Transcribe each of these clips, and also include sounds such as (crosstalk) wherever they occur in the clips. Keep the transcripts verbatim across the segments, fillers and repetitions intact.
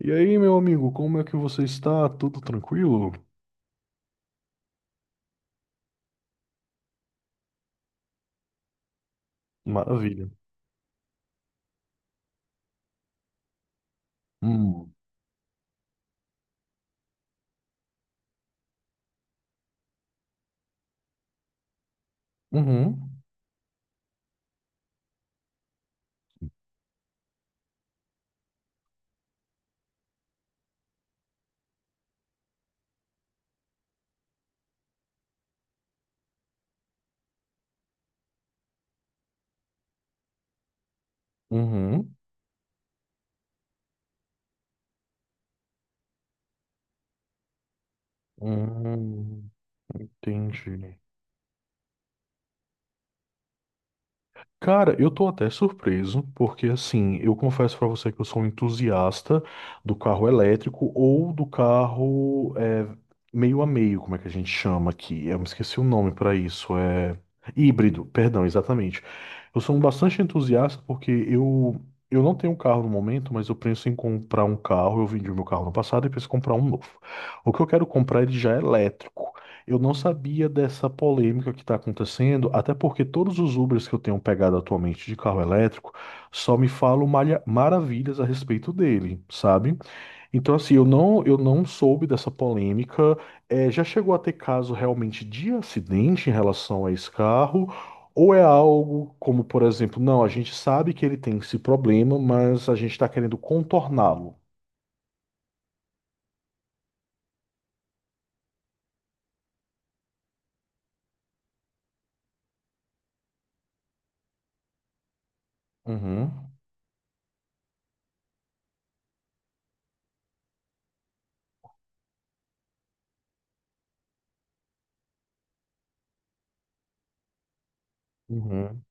E aí, meu amigo, como é que você está? Tudo tranquilo? Maravilha. Hum. Uhum. Uhum. Uhum. Entendi. Cara, eu tô até surpreso, porque assim, eu confesso pra você que eu sou um entusiasta do carro elétrico ou do carro é, meio a meio, como é que a gente chama aqui? Eu me esqueci o nome pra isso, é híbrido, perdão, exatamente. Eu sou um bastante entusiasta porque eu eu não tenho um carro no momento, mas eu penso em comprar um carro. Eu vendi o meu carro no passado e penso em comprar um novo. O que eu quero comprar ele já é elétrico. Eu não sabia dessa polêmica que está acontecendo, até porque todos os Ubers que eu tenho pegado atualmente de carro elétrico só me falam malha- maravilhas a respeito dele, sabe? Então, assim, eu não, eu não soube dessa polêmica. É, já chegou a ter caso realmente de acidente em relação a esse carro? Ou é algo como, por exemplo, não, a gente sabe que ele tem esse problema, mas a gente está querendo contorná-lo? Uhum, uhum,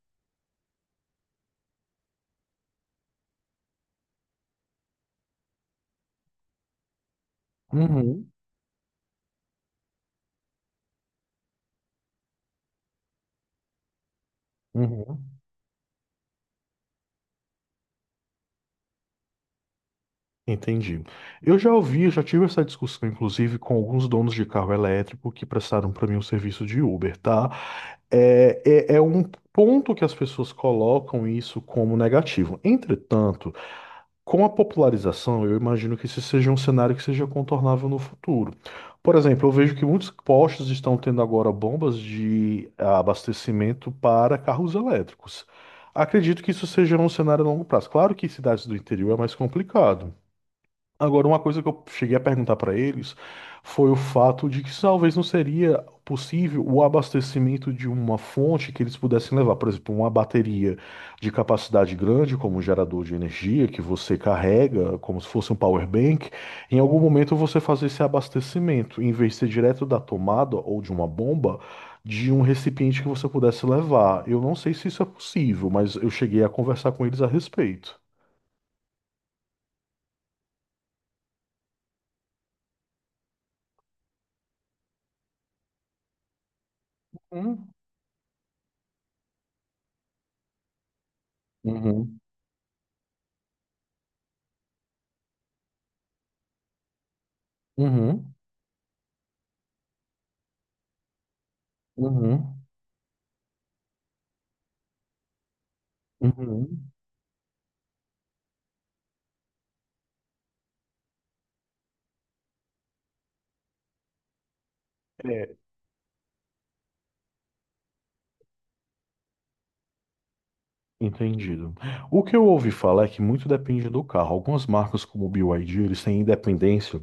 uhum, uhum. Entendi. Eu já ouvi, já tive essa discussão, inclusive, com alguns donos de carro elétrico que prestaram para mim um serviço de Uber, tá? É, é, é um ponto que as pessoas colocam isso como negativo. Entretanto, com a popularização, eu imagino que esse seja um cenário que seja contornável no futuro. Por exemplo, eu vejo que muitos postos estão tendo agora bombas de abastecimento para carros elétricos. Acredito que isso seja um cenário a longo prazo. Claro que em cidades do interior é mais complicado. Agora, uma coisa que eu cheguei a perguntar para eles foi o fato de que talvez não seria possível o abastecimento de uma fonte que eles pudessem levar, por exemplo, uma bateria de capacidade grande, como um gerador de energia que você carrega, como se fosse um power bank, em algum momento você fazer esse abastecimento, em vez de ser direto da tomada ou de uma bomba, de um recipiente que você pudesse levar. Eu não sei se isso é possível, mas eu cheguei a conversar com eles a respeito. Hum. Uhum. Uhum. Uhum, uhum. É, Entendido. O que eu ouvi falar é que muito depende do carro. Algumas marcas como o B Y D, eles têm independência.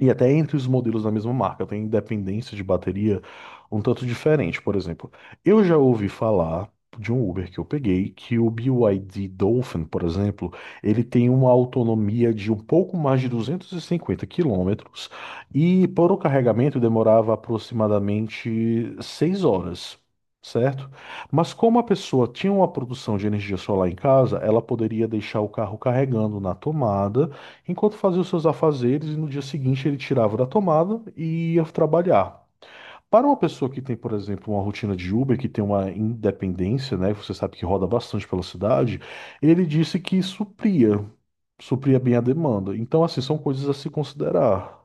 E até entre os modelos da mesma marca, tem independência de bateria um tanto diferente. Por exemplo, eu já ouvi falar de um Uber que eu peguei, que o B Y D Dolphin, por exemplo, ele tem uma autonomia de um pouco mais de 250 quilômetros e para o carregamento demorava aproximadamente seis horas. Certo? Mas como a pessoa tinha uma produção de energia solar em casa, ela poderia deixar o carro carregando na tomada. Enquanto fazia os seus afazeres, e no dia seguinte ele tirava da tomada e ia trabalhar. Para uma pessoa que tem, por exemplo, uma rotina de Uber, que tem uma independência, né? Você sabe que roda bastante pela cidade, ele disse que supria, supria bem a demanda. Então, assim, são coisas a se considerar.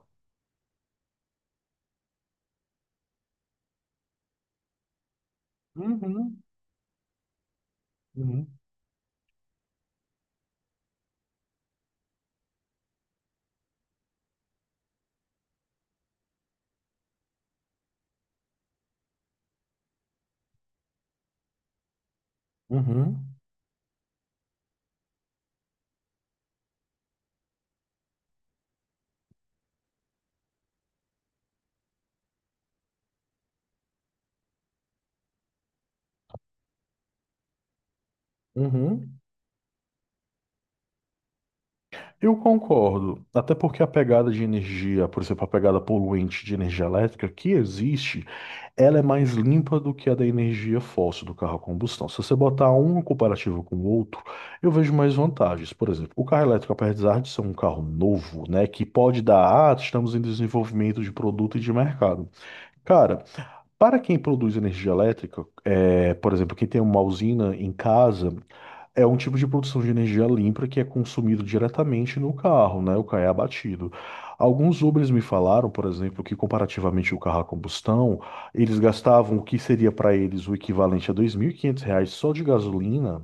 Uhum, uhum, uhum, uhum. Eu concordo, até porque a pegada de energia, por exemplo, a pegada poluente de energia elétrica que existe, ela é mais limpa do que a da energia fóssil do carro a combustão. Se você botar um comparativo com o outro, eu vejo mais vantagens. Por exemplo, o carro elétrico, apesar de ser um carro novo, né, que pode dar, ah, estamos em desenvolvimento de produto e de mercado. Cara, para quem produz energia elétrica, é, por exemplo, quem tem uma usina em casa, é um tipo de produção de energia limpa que é consumido diretamente no carro, né? O carro é abatido. Alguns Ubers me falaram, por exemplo, que comparativamente o carro a combustão, eles gastavam o que seria para eles o equivalente a dois mil e quinhentos reais só de gasolina.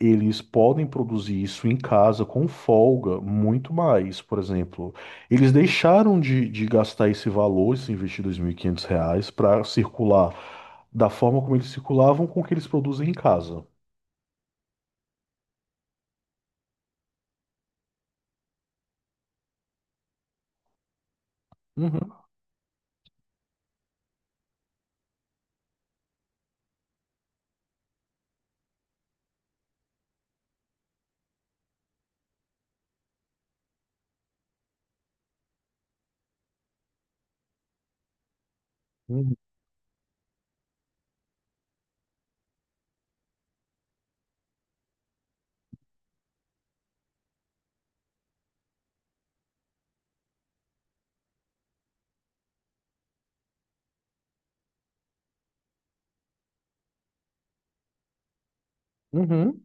Eles podem produzir isso em casa com folga, muito mais. Por exemplo, eles deixaram de, de gastar esse valor, se investir dois mil e quinhentos reais, para circular da forma como eles circulavam com o que eles produzem em casa. Uhum. Uhum.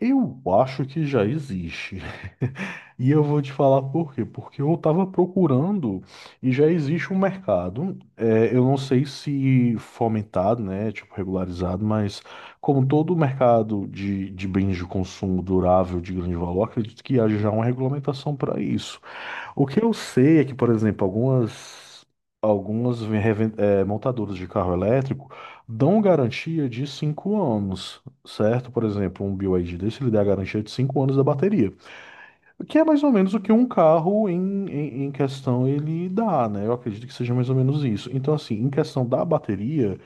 Eu acho que já existe. (laughs) E eu vou te falar por quê. Porque eu estava procurando e já existe um mercado. É, eu não sei se fomentado, né? Tipo, regularizado, mas como todo mercado de, de bens de consumo durável de grande valor, acredito que haja já uma regulamentação para isso. O que eu sei é que, por exemplo, algumas, algumas reven- eh, montadoras de carro elétrico dão garantia de cinco anos, certo? Por exemplo, um B Y D desse, ele dá a garantia de cinco anos da bateria, o que é mais ou menos o que um carro em, em, em questão ele dá, né? Eu acredito que seja mais ou menos isso. Então, assim, em questão da bateria,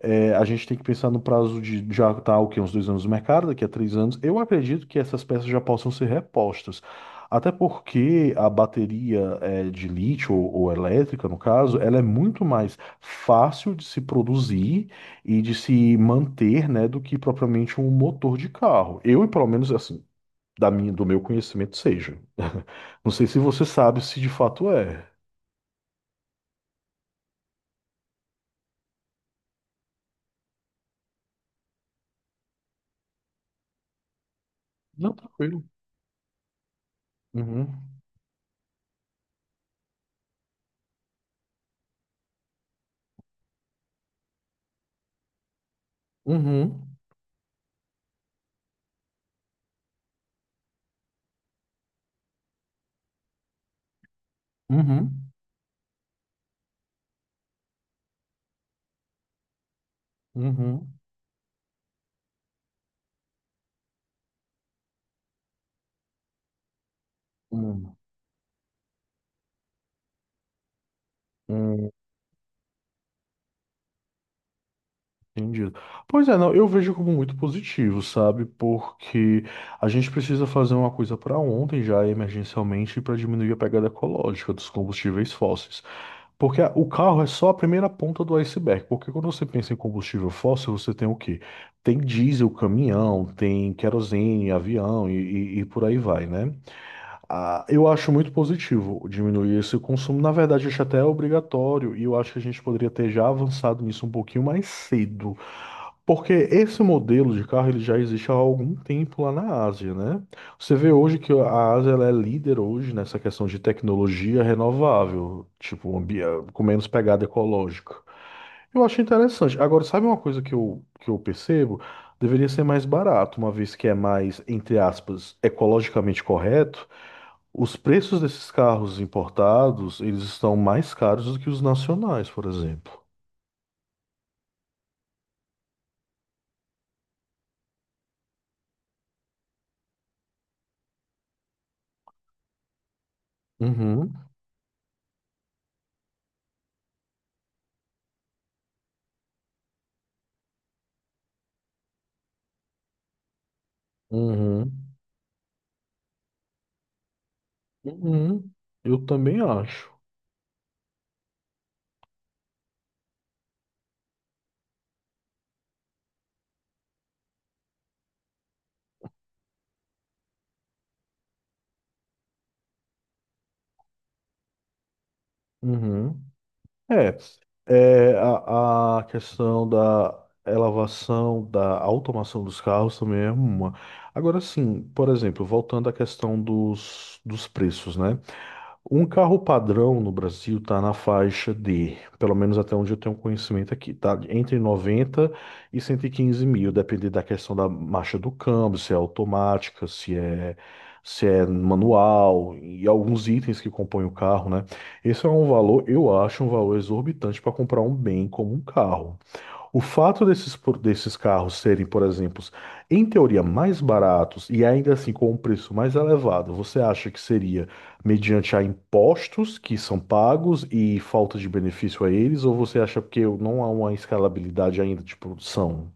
é, a gente tem que pensar no prazo de já tá o quê? Uns dois anos no mercado, daqui a três anos. Eu acredito que essas peças já possam ser repostas. Até porque a bateria é, de lítio ou, ou elétrica, no caso, ela é muito mais fácil de se produzir e de se manter, né, do que propriamente um motor de carro. Eu, pelo menos, assim, da minha, do meu conhecimento, seja. Não sei se você sabe se de fato é. Não, tranquilo. Uhum. Uhum. Uhum. Uhum. Uhum. Uhum. Entendido. Pois é, não, eu vejo como muito positivo, sabe? Porque a gente precisa fazer uma coisa para ontem já, emergencialmente, para diminuir a pegada ecológica dos combustíveis fósseis. Porque a- o carro é só a primeira ponta do iceberg. Porque quando você pensa em combustível fóssil, você tem o quê? Tem diesel, caminhão, tem querosene, avião e, e e por aí vai, né? Ah, eu acho muito positivo diminuir esse consumo. Na verdade, acho até é obrigatório e eu acho que a gente poderia ter já avançado nisso um pouquinho mais cedo. Porque esse modelo de carro ele já existe há algum tempo lá na Ásia, né? Você vê hoje que a Ásia ela é líder hoje nessa questão de tecnologia renovável, tipo, um ambi- com menos pegada ecológica. Eu acho interessante. Agora, sabe uma coisa que eu, que eu percebo? Deveria ser mais barato, uma vez que é mais, entre aspas, ecologicamente correto. Os preços desses carros importados, eles estão mais caros do que os nacionais, por exemplo. Uhum, uhum, uhum. Eu também acho. Uhum. É, é a, a questão da elevação, da automação dos carros também é uma. Agora sim, por exemplo, voltando à questão dos, dos preços, né? Um carro padrão no Brasil está na faixa de, pelo menos até onde eu tenho conhecimento aqui, tá? Entre noventa e 115 mil, depende da questão da marcha do câmbio, se é automática, se é, se é manual e alguns itens que compõem o carro, né? Esse é um valor, eu acho, um valor exorbitante para comprar um bem como um carro. O fato desses, por- desses carros serem, por exemplo, em teoria mais baratos e ainda assim com um preço mais elevado, você acha que seria mediante a impostos que são pagos e falta de benefício a eles, ou você acha que não há uma escalabilidade ainda de produção?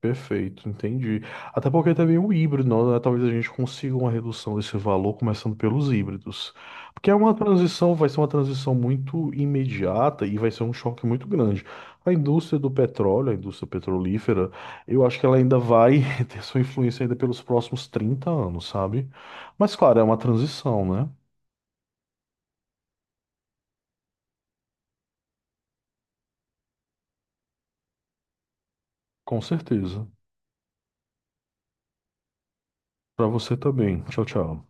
Perfeito, entendi. Até porque também o híbrido, né? Talvez a gente consiga uma redução desse valor começando pelos híbridos. Porque é uma transição, vai ser uma transição muito imediata e vai ser um choque muito grande. A indústria do petróleo, a indústria petrolífera, eu acho que ela ainda vai (laughs) ter sua influência ainda pelos próximos trinta anos, sabe? Mas claro, é uma transição, né? Com certeza. Para você também. Tchau, tchau.